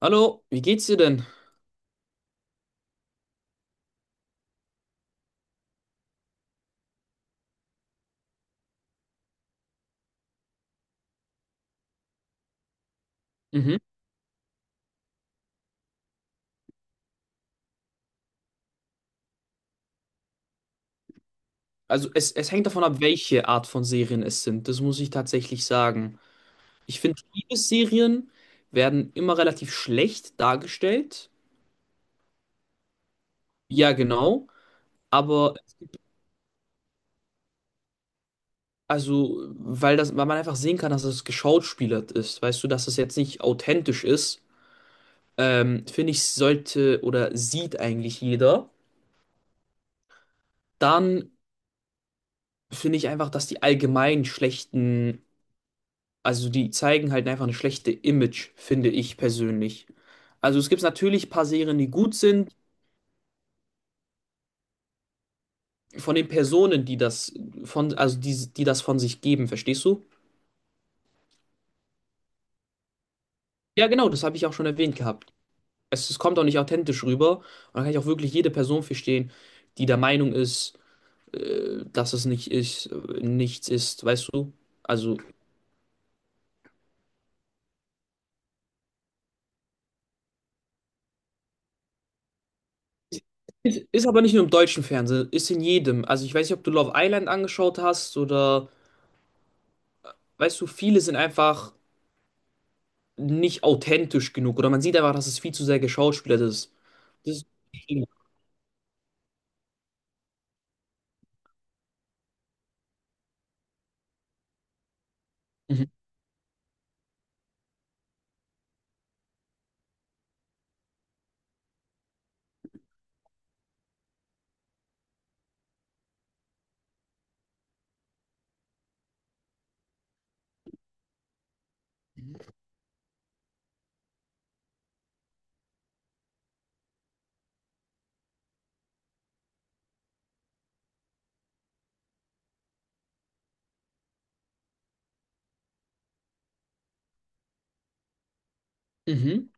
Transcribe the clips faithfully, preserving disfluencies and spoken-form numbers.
Hallo, wie geht's dir denn? Mhm. Also es, es hängt davon ab, welche Art von Serien es sind. Das muss ich tatsächlich sagen. Ich finde, Liebesserien werden immer relativ schlecht dargestellt. Ja, genau. Aber also, weil das, weil man einfach sehen kann, dass es geschauspielert ist, weißt du, dass es jetzt nicht authentisch ist, ähm, finde ich, sollte oder sieht eigentlich jeder. Dann finde ich einfach, dass die allgemein schlechten, also die zeigen halt einfach eine schlechte Image, finde ich persönlich. Also es gibt natürlich ein paar Serien, die gut sind, von den Personen, die das von, also die, die das von sich geben, verstehst du? Ja, genau, das habe ich auch schon erwähnt gehabt. Es, es kommt auch nicht authentisch rüber. Und da kann ich auch wirklich jede Person verstehen, die der Meinung ist, äh, dass es nicht ist, äh, nichts ist, weißt du? Also, ist, ist aber nicht nur im deutschen Fernsehen, ist in jedem. Also ich weiß nicht, ob du Love Island angeschaut hast, oder, weißt du, viele sind einfach nicht authentisch genug oder man sieht einfach, dass es viel zu sehr geschauspielert ist. Das ist. Mhm. Mhm.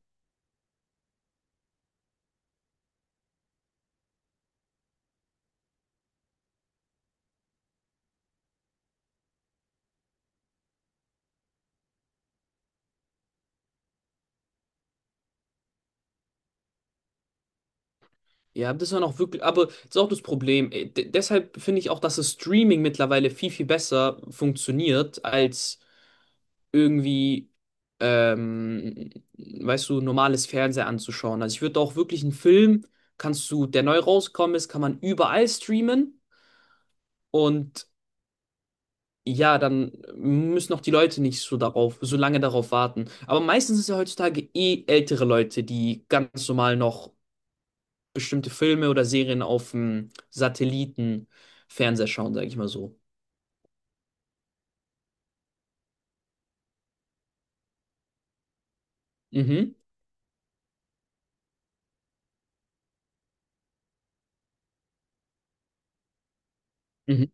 Ja, das war noch wirklich, aber das ist auch das Problem. Äh, de- deshalb finde ich auch, dass das Streaming mittlerweile viel, viel besser funktioniert als irgendwie, ähm, weißt du, normales Fernsehen anzuschauen. Also ich würde auch wirklich einen Film, kannst du, der neu rausgekommen ist, kann man überall streamen und ja, dann müssen auch die Leute nicht so darauf, so lange darauf warten. Aber meistens ist ja heutzutage eh ältere Leute, die ganz normal noch bestimmte Filme oder Serien auf dem Satellitenfernseher schauen, sage ich mal so. Mhm. Mhm.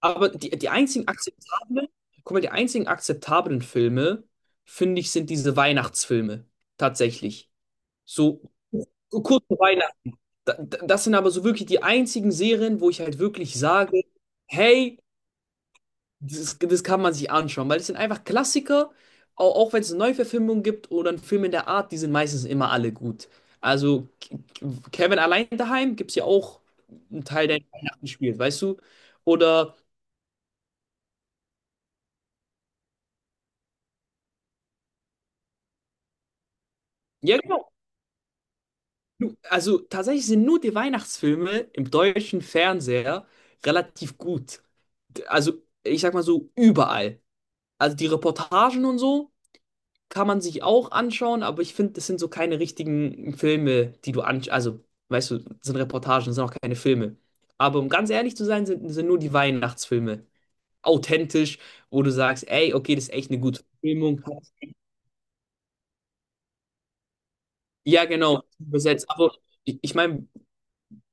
Aber die, die einzigen akzeptablen, guck mal, die einzigen akzeptablen Filme, finde ich, sind diese Weihnachtsfilme. Tatsächlich. So kurz vor Weihnachten. Da- da- Das sind aber so wirklich die einzigen Serien, wo ich halt wirklich sage, hey, Das, das kann man sich anschauen, weil es sind einfach Klassiker, auch, auch wenn es eine Neuverfilmung gibt oder einen Film in der Art, die sind meistens immer alle gut. Also K- Kevin allein daheim gibt es ja auch einen Teil, der in Weihnachten spielt, weißt du? Oder, ja genau. Du- also tatsächlich sind nur die Weihnachtsfilme im deutschen Fernseher relativ gut. D- Also ich sag mal so überall. Also die Reportagen und so kann man sich auch anschauen, aber ich finde, das sind so keine richtigen Filme, die du anschaust. Also, weißt du, das sind Reportagen, das sind auch keine Filme. Aber um ganz ehrlich zu sein, sind, sind nur die Weihnachtsfilme authentisch, wo du sagst, ey, okay, das ist echt eine gute Filmung. Ja, genau, übersetzt. Aber ich, ich meine,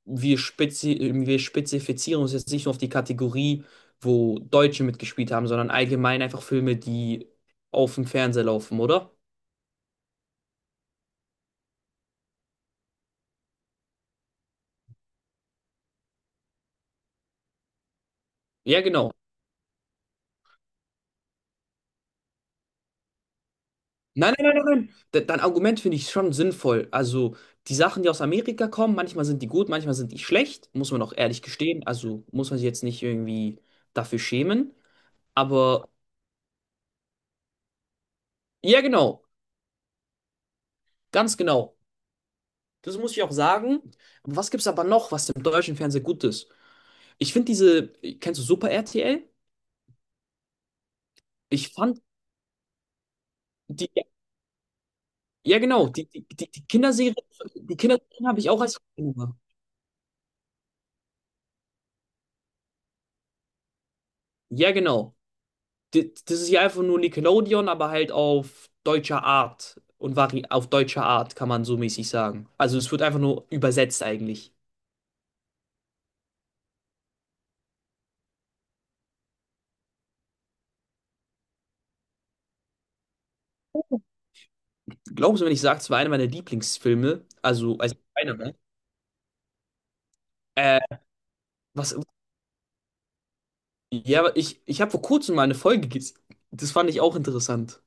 wir, spezi wir spezifizieren uns jetzt nicht nur auf die Kategorie, wo Deutsche mitgespielt haben, sondern allgemein einfach Filme, die auf dem Fernseher laufen, oder? Ja, genau. Nein, nein, nein, nein, nein. Dein Argument finde ich schon sinnvoll. Also die Sachen, die aus Amerika kommen, manchmal sind die gut, manchmal sind die schlecht, muss man auch ehrlich gestehen. Also muss man sich jetzt nicht irgendwie dafür schämen. Aber ja, genau, ganz genau. Das muss ich auch sagen. Was gibt es aber noch, was im deutschen Fernsehen gut ist? Ich finde diese, kennst du Super R T L? Ich fand die, ja genau, die, die, die die Kinderserie, die Kinderserie habe ich auch als. Ja, genau. di- Das ist ja einfach nur Nickelodeon, aber halt auf deutscher Art und vari auf deutscher Art, kann man so mäßig sagen. Also es wird einfach nur übersetzt eigentlich. Glaubst du, wenn ich sage, es war einer meiner Lieblingsfilme, also, also einer, ne? Äh, was, ja, ich, ich habe vor kurzem mal eine Folge gesehen. Das fand ich auch interessant.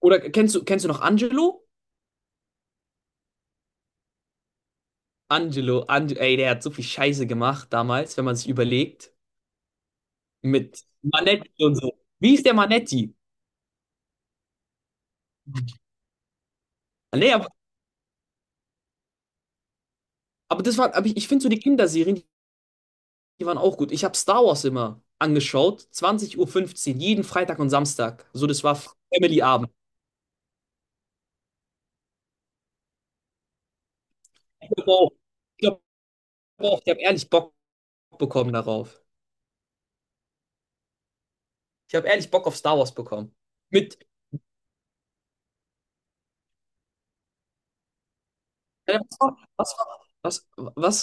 Oder kennst du, kennst du noch Angelo? Angelo, Ange ey, der hat so viel Scheiße gemacht damals, wenn man sich überlegt. Mit Manetti und so. Wie ist der Manetti? Nee, aber, aber das war, aber ich, ich finde so die Kinderserien, die waren auch gut. Ich habe Star Wars immer angeschaut, zwanzig Uhr fünfzehn, fünfzehn, jeden Freitag und Samstag. So, das war Family-Abend. Ich glaube auch, ich glaub auch, ich habe ehrlich Bock bekommen darauf. Ich habe ehrlich Bock auf Star Wars bekommen. Mit, äh, was war, was war, was,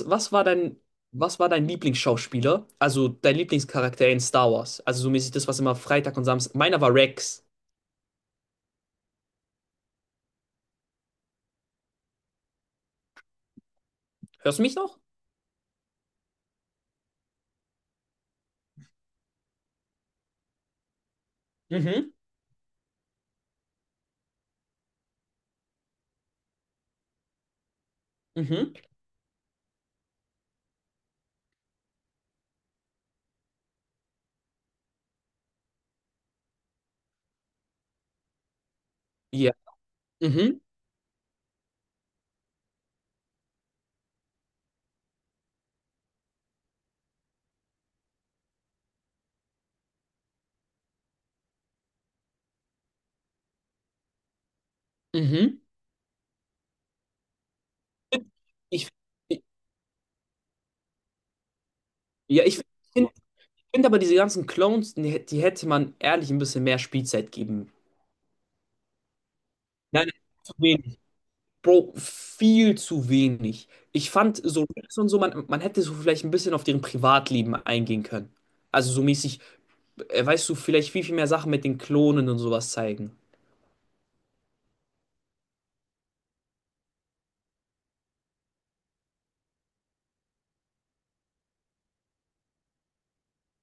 was, was war dein, was war dein Lieblingsschauspieler? Also dein Lieblingscharakter in Star Wars? Also so mäßig das, was immer Freitag und Samstag. Meiner war Rex. Hörst du mich noch? Mhm, mhm. Ja. Mhm, mhm. Ich, ich- ja, ich finde aber diese ganzen Clones, die, die hätte man ehrlich ein bisschen mehr Spielzeit geben. Nein, nein, zu wenig. Bro, viel zu wenig. Ich fand so Rex und so, man, man hätte so vielleicht ein bisschen auf deren Privatleben eingehen können. Also so mäßig, äh, weißt du, vielleicht viel, viel mehr Sachen mit den Klonen und sowas zeigen.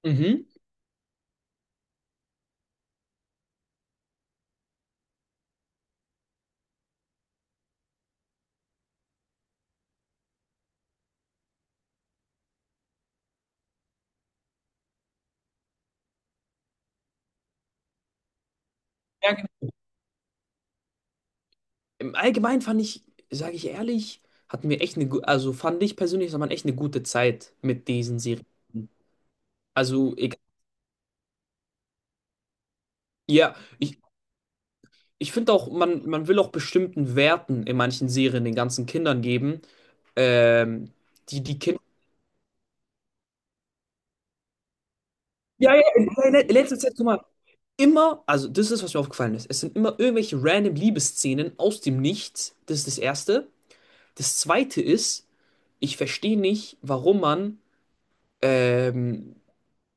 Mhm. Ja, genau. Im Allgemeinen fand ich, sage ich ehrlich, hatten wir echt eine, gu- also fand ich persönlich, hat man echt eine gute Zeit mit diesen Serien. Also, egal. Ja, ich, ich finde auch, man, man will auch bestimmten Werten in manchen Serien den ganzen Kindern geben, ähm, die die Kinder. Ja, ja, in in- in letzter Zeit, guck mal, immer, also das ist, was mir aufgefallen ist. Es sind immer irgendwelche random Liebesszenen aus dem Nichts. Das ist das Erste. Das Zweite ist, ich verstehe nicht, warum man, ähm,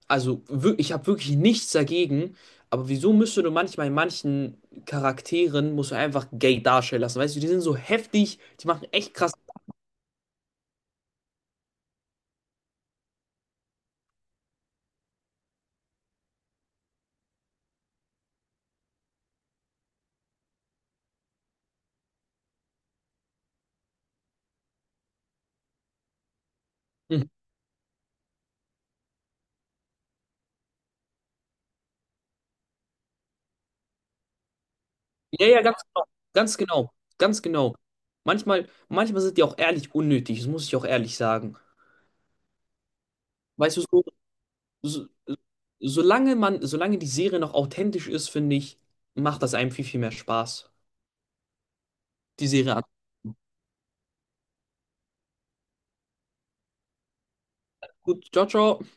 also wir- ich habe wirklich nichts dagegen, aber wieso müsste du manchmal in manchen Charakteren, musst du einfach gay darstellen lassen, weißt du, die sind so heftig, die machen echt krass. Ja, ja, ganz genau. Ganz genau. Ganz genau. Manchmal, manchmal sind die auch ehrlich unnötig, das muss ich auch ehrlich sagen. Weißt du, so, so, solange man, solange die Serie noch authentisch ist, finde ich, macht das einem viel, viel mehr Spaß, die Serie an. Gut, ciao, ciao.